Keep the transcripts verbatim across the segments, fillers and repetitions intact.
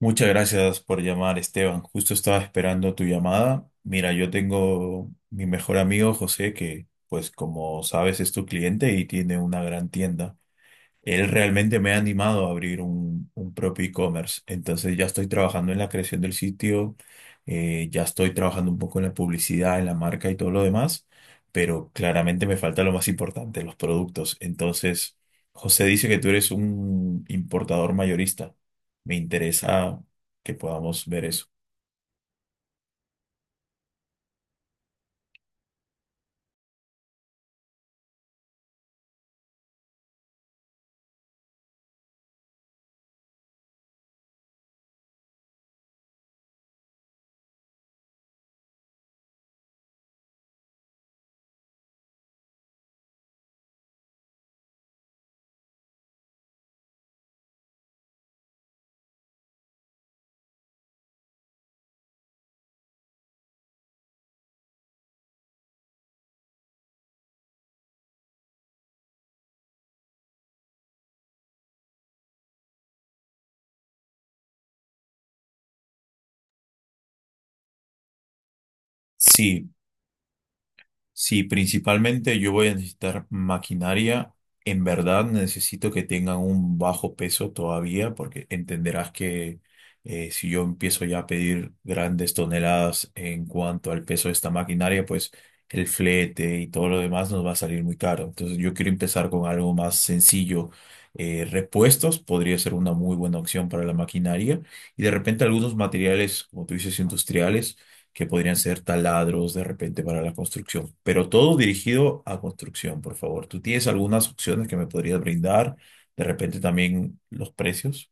Muchas gracias por llamar, Esteban. Justo estaba esperando tu llamada. Mira, yo tengo mi mejor amigo José, que pues como sabes es tu cliente y tiene una gran tienda. Él realmente me ha animado a abrir un, un propio e-commerce. Entonces ya estoy trabajando en la creación del sitio, eh, ya estoy trabajando un poco en la publicidad, en la marca y todo lo demás, pero claramente me falta lo más importante, los productos. Entonces, José dice que tú eres un importador mayorista. Me interesa que podamos ver eso. Sí. Sí, principalmente yo voy a necesitar maquinaria. En verdad necesito que tengan un bajo peso todavía, porque entenderás que eh, si yo empiezo ya a pedir grandes toneladas en cuanto al peso de esta maquinaria, pues el flete y todo lo demás nos va a salir muy caro. Entonces yo quiero empezar con algo más sencillo. Eh, repuestos podría ser una muy buena opción para la maquinaria y de repente algunos materiales, como tú dices, industriales que podrían ser taladros de repente para la construcción, pero todo dirigido a construcción, por favor. ¿Tú tienes algunas opciones que me podrías brindar? De repente también los precios.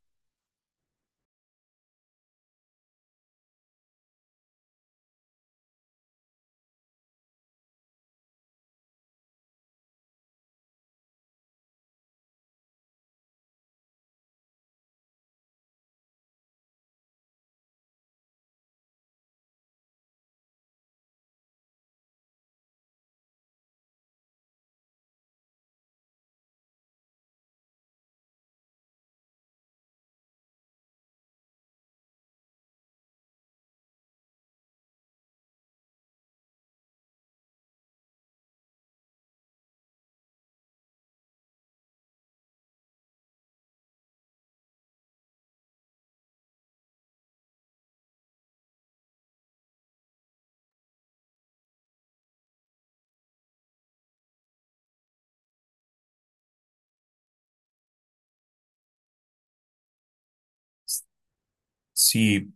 Sí.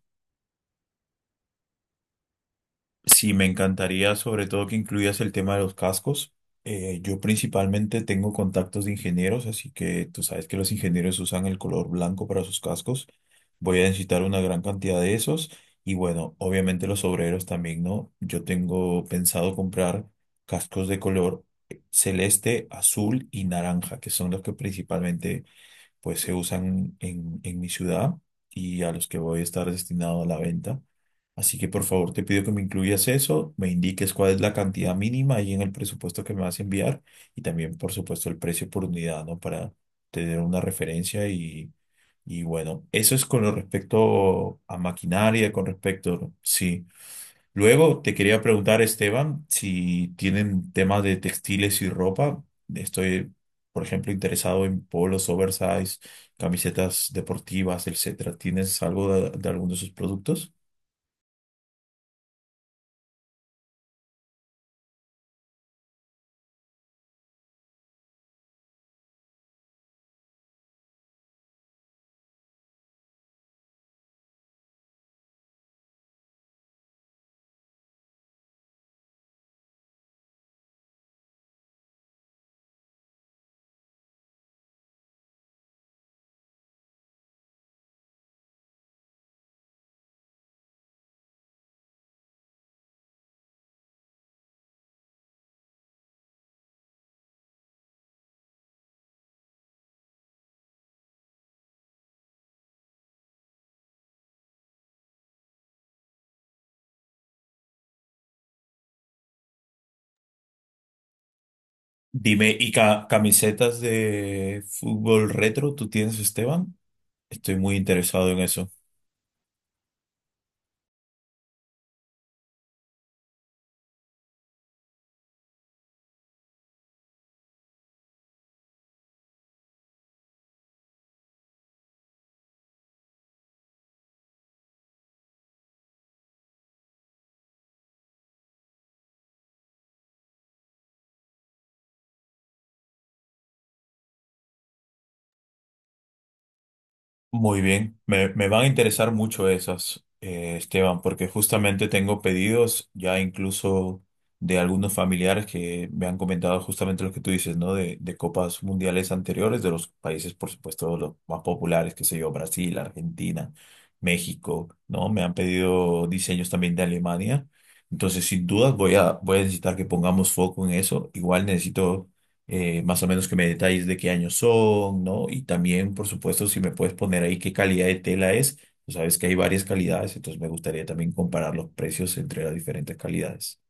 Sí, me encantaría sobre todo que incluyas el tema de los cascos. Eh, yo principalmente tengo contactos de ingenieros, así que tú sabes que los ingenieros usan el color blanco para sus cascos. Voy a necesitar una gran cantidad de esos y bueno, obviamente los obreros también, ¿no? Yo tengo pensado comprar cascos de color celeste, azul y naranja, que son los que principalmente pues se usan en, en mi ciudad y a los que voy a estar destinado a la venta. Así que por favor te pido que me incluyas eso, me indiques cuál es la cantidad mínima ahí en el presupuesto que me vas a enviar y también por supuesto el precio por unidad, ¿no? Para tener una referencia y, y bueno, eso es con lo respecto a maquinaria, con respecto, sí. Luego te quería preguntar, Esteban, si tienen temas de textiles y ropa. Estoy, por ejemplo, interesado en polos oversize, camisetas deportivas, etcétera. ¿Tienes algo de, de alguno de esos productos? Dime, ¿y ca- camisetas de fútbol retro tú tienes, Esteban? Estoy muy interesado en eso. Muy bien, me, me van a interesar mucho esas, eh, Esteban, porque justamente tengo pedidos ya incluso de algunos familiares que me han comentado justamente lo que tú dices, ¿no? De, de copas mundiales anteriores de los países, por supuesto, los más populares, qué sé yo, Brasil, Argentina, México, ¿no? Me han pedido diseños también de Alemania. Entonces, sin dudas, voy a, voy a necesitar que pongamos foco en eso. Igual necesito eh, más o menos que me detalles de qué años son, ¿no? Y también, por supuesto, si me puedes poner ahí qué calidad de tela es. Tú sabes que hay varias calidades, entonces me gustaría también comparar los precios entre las diferentes calidades.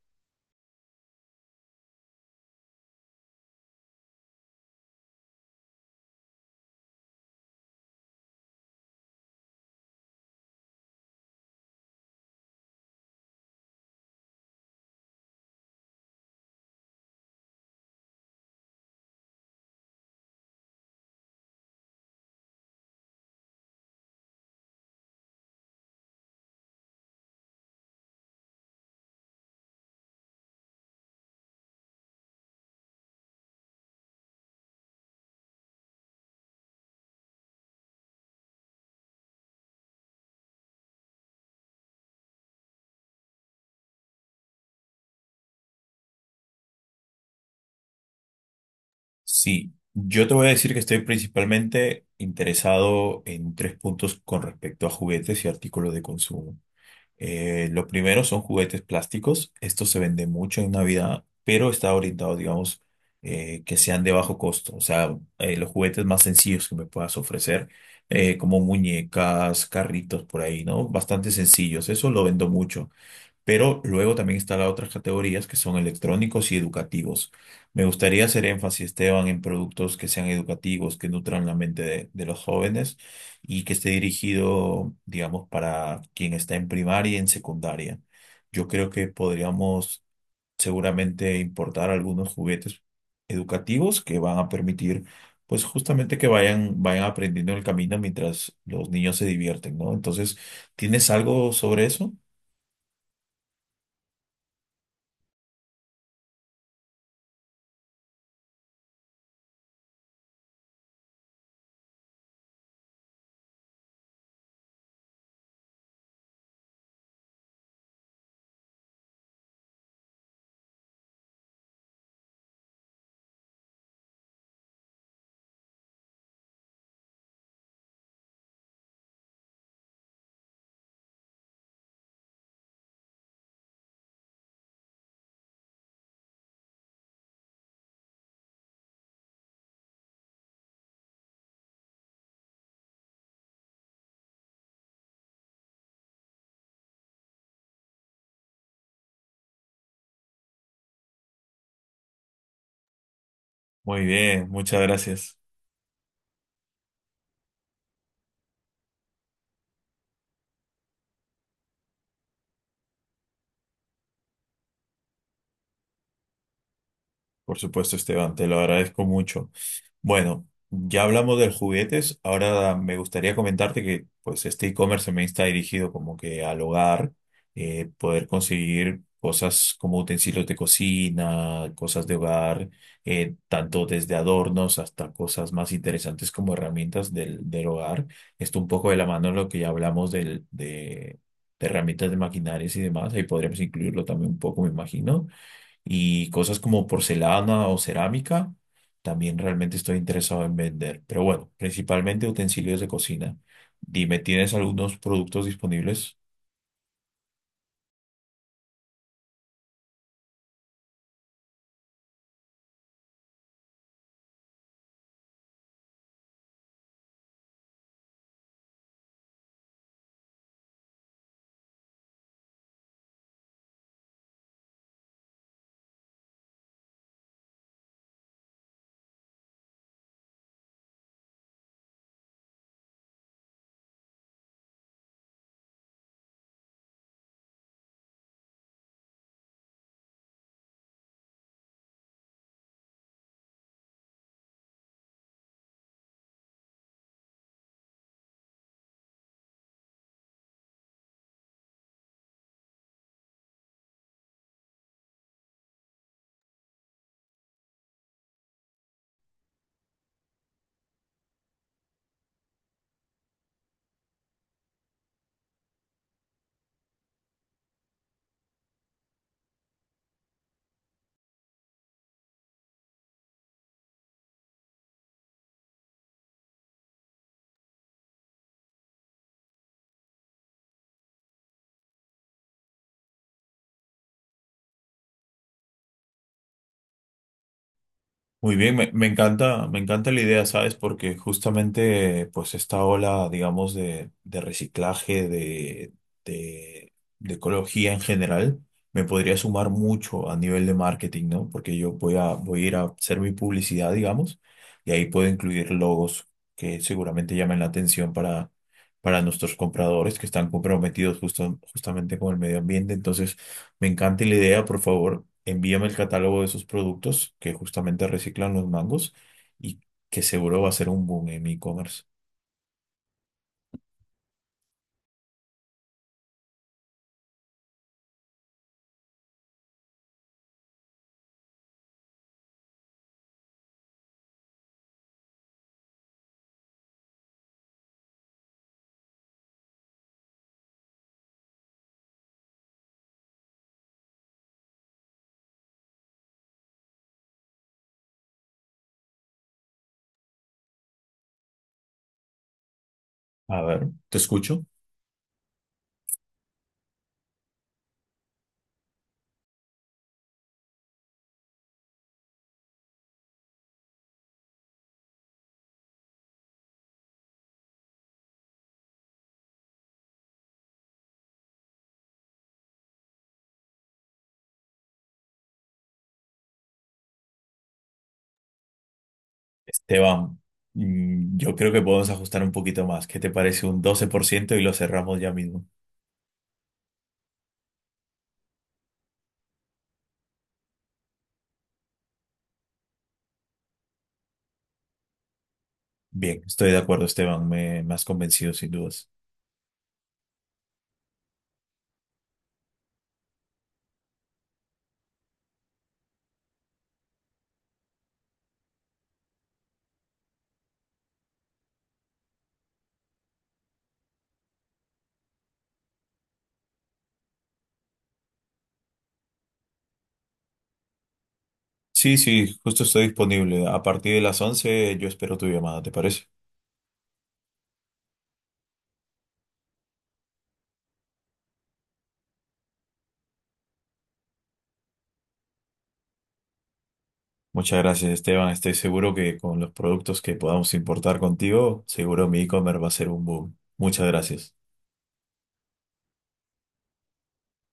Sí, yo te voy a decir que estoy principalmente interesado en tres puntos con respecto a juguetes y artículos de consumo. Eh, lo primero son juguetes plásticos. Esto se vende mucho en Navidad, pero está orientado, digamos, eh, que sean de bajo costo. O sea, eh, los juguetes más sencillos que me puedas ofrecer, eh, como muñecas, carritos por ahí, ¿no? Bastante sencillos. Eso lo vendo mucho. Pero luego también están las otras categorías que son electrónicos y educativos. Me gustaría hacer énfasis, Esteban, en productos que sean educativos, que nutran la mente de, de los jóvenes y que esté dirigido, digamos, para quien está en primaria y en secundaria. Yo creo que podríamos seguramente importar algunos juguetes educativos que van a permitir, pues justamente que vayan, vayan aprendiendo en el camino mientras los niños se divierten, ¿no? Entonces, ¿tienes algo sobre eso? Muy bien, muchas gracias. Por supuesto, Esteban, te lo agradezco mucho. Bueno, ya hablamos de juguetes, ahora me gustaría comentarte que pues este e-commerce también está dirigido como que al hogar, eh, poder conseguir cosas como utensilios de cocina, cosas de hogar, eh, tanto desde adornos hasta cosas más interesantes como herramientas del, del hogar. Esto un poco de la mano de lo que ya hablamos del, de, de herramientas de maquinarias y demás, ahí podríamos incluirlo también un poco, me imagino. Y cosas como porcelana o cerámica, también realmente estoy interesado en vender. Pero bueno, principalmente utensilios de cocina. Dime, ¿tienes algunos productos disponibles? Muy bien, me, me encanta, me encanta la idea, ¿sabes? Porque justamente, pues, esta ola, digamos, de, de reciclaje, de, de, de ecología en general, me podría sumar mucho a nivel de marketing, ¿no? Porque yo voy a, voy a ir a hacer mi publicidad, digamos, y ahí puedo incluir logos que seguramente llamen la atención para, para nuestros compradores que están comprometidos justo, justamente con el medio ambiente. Entonces, me encanta la idea, por favor, envíame el catálogo de esos productos que justamente reciclan los mangos y que seguro va a ser un boom en mi e-commerce. A ver, te escucho. Esteban, mm, yo creo que podemos ajustar un poquito más. ¿Qué te parece un doce por ciento y lo cerramos ya mismo? Bien, estoy de acuerdo, Esteban, me, me has convencido sin dudas. Sí, sí, justo estoy disponible. A partir de las once. Yo espero tu llamada, ¿te parece? Muchas gracias, Esteban. Estoy seguro que con los productos que podamos importar contigo, seguro mi e-commerce va a ser un boom. Muchas gracias.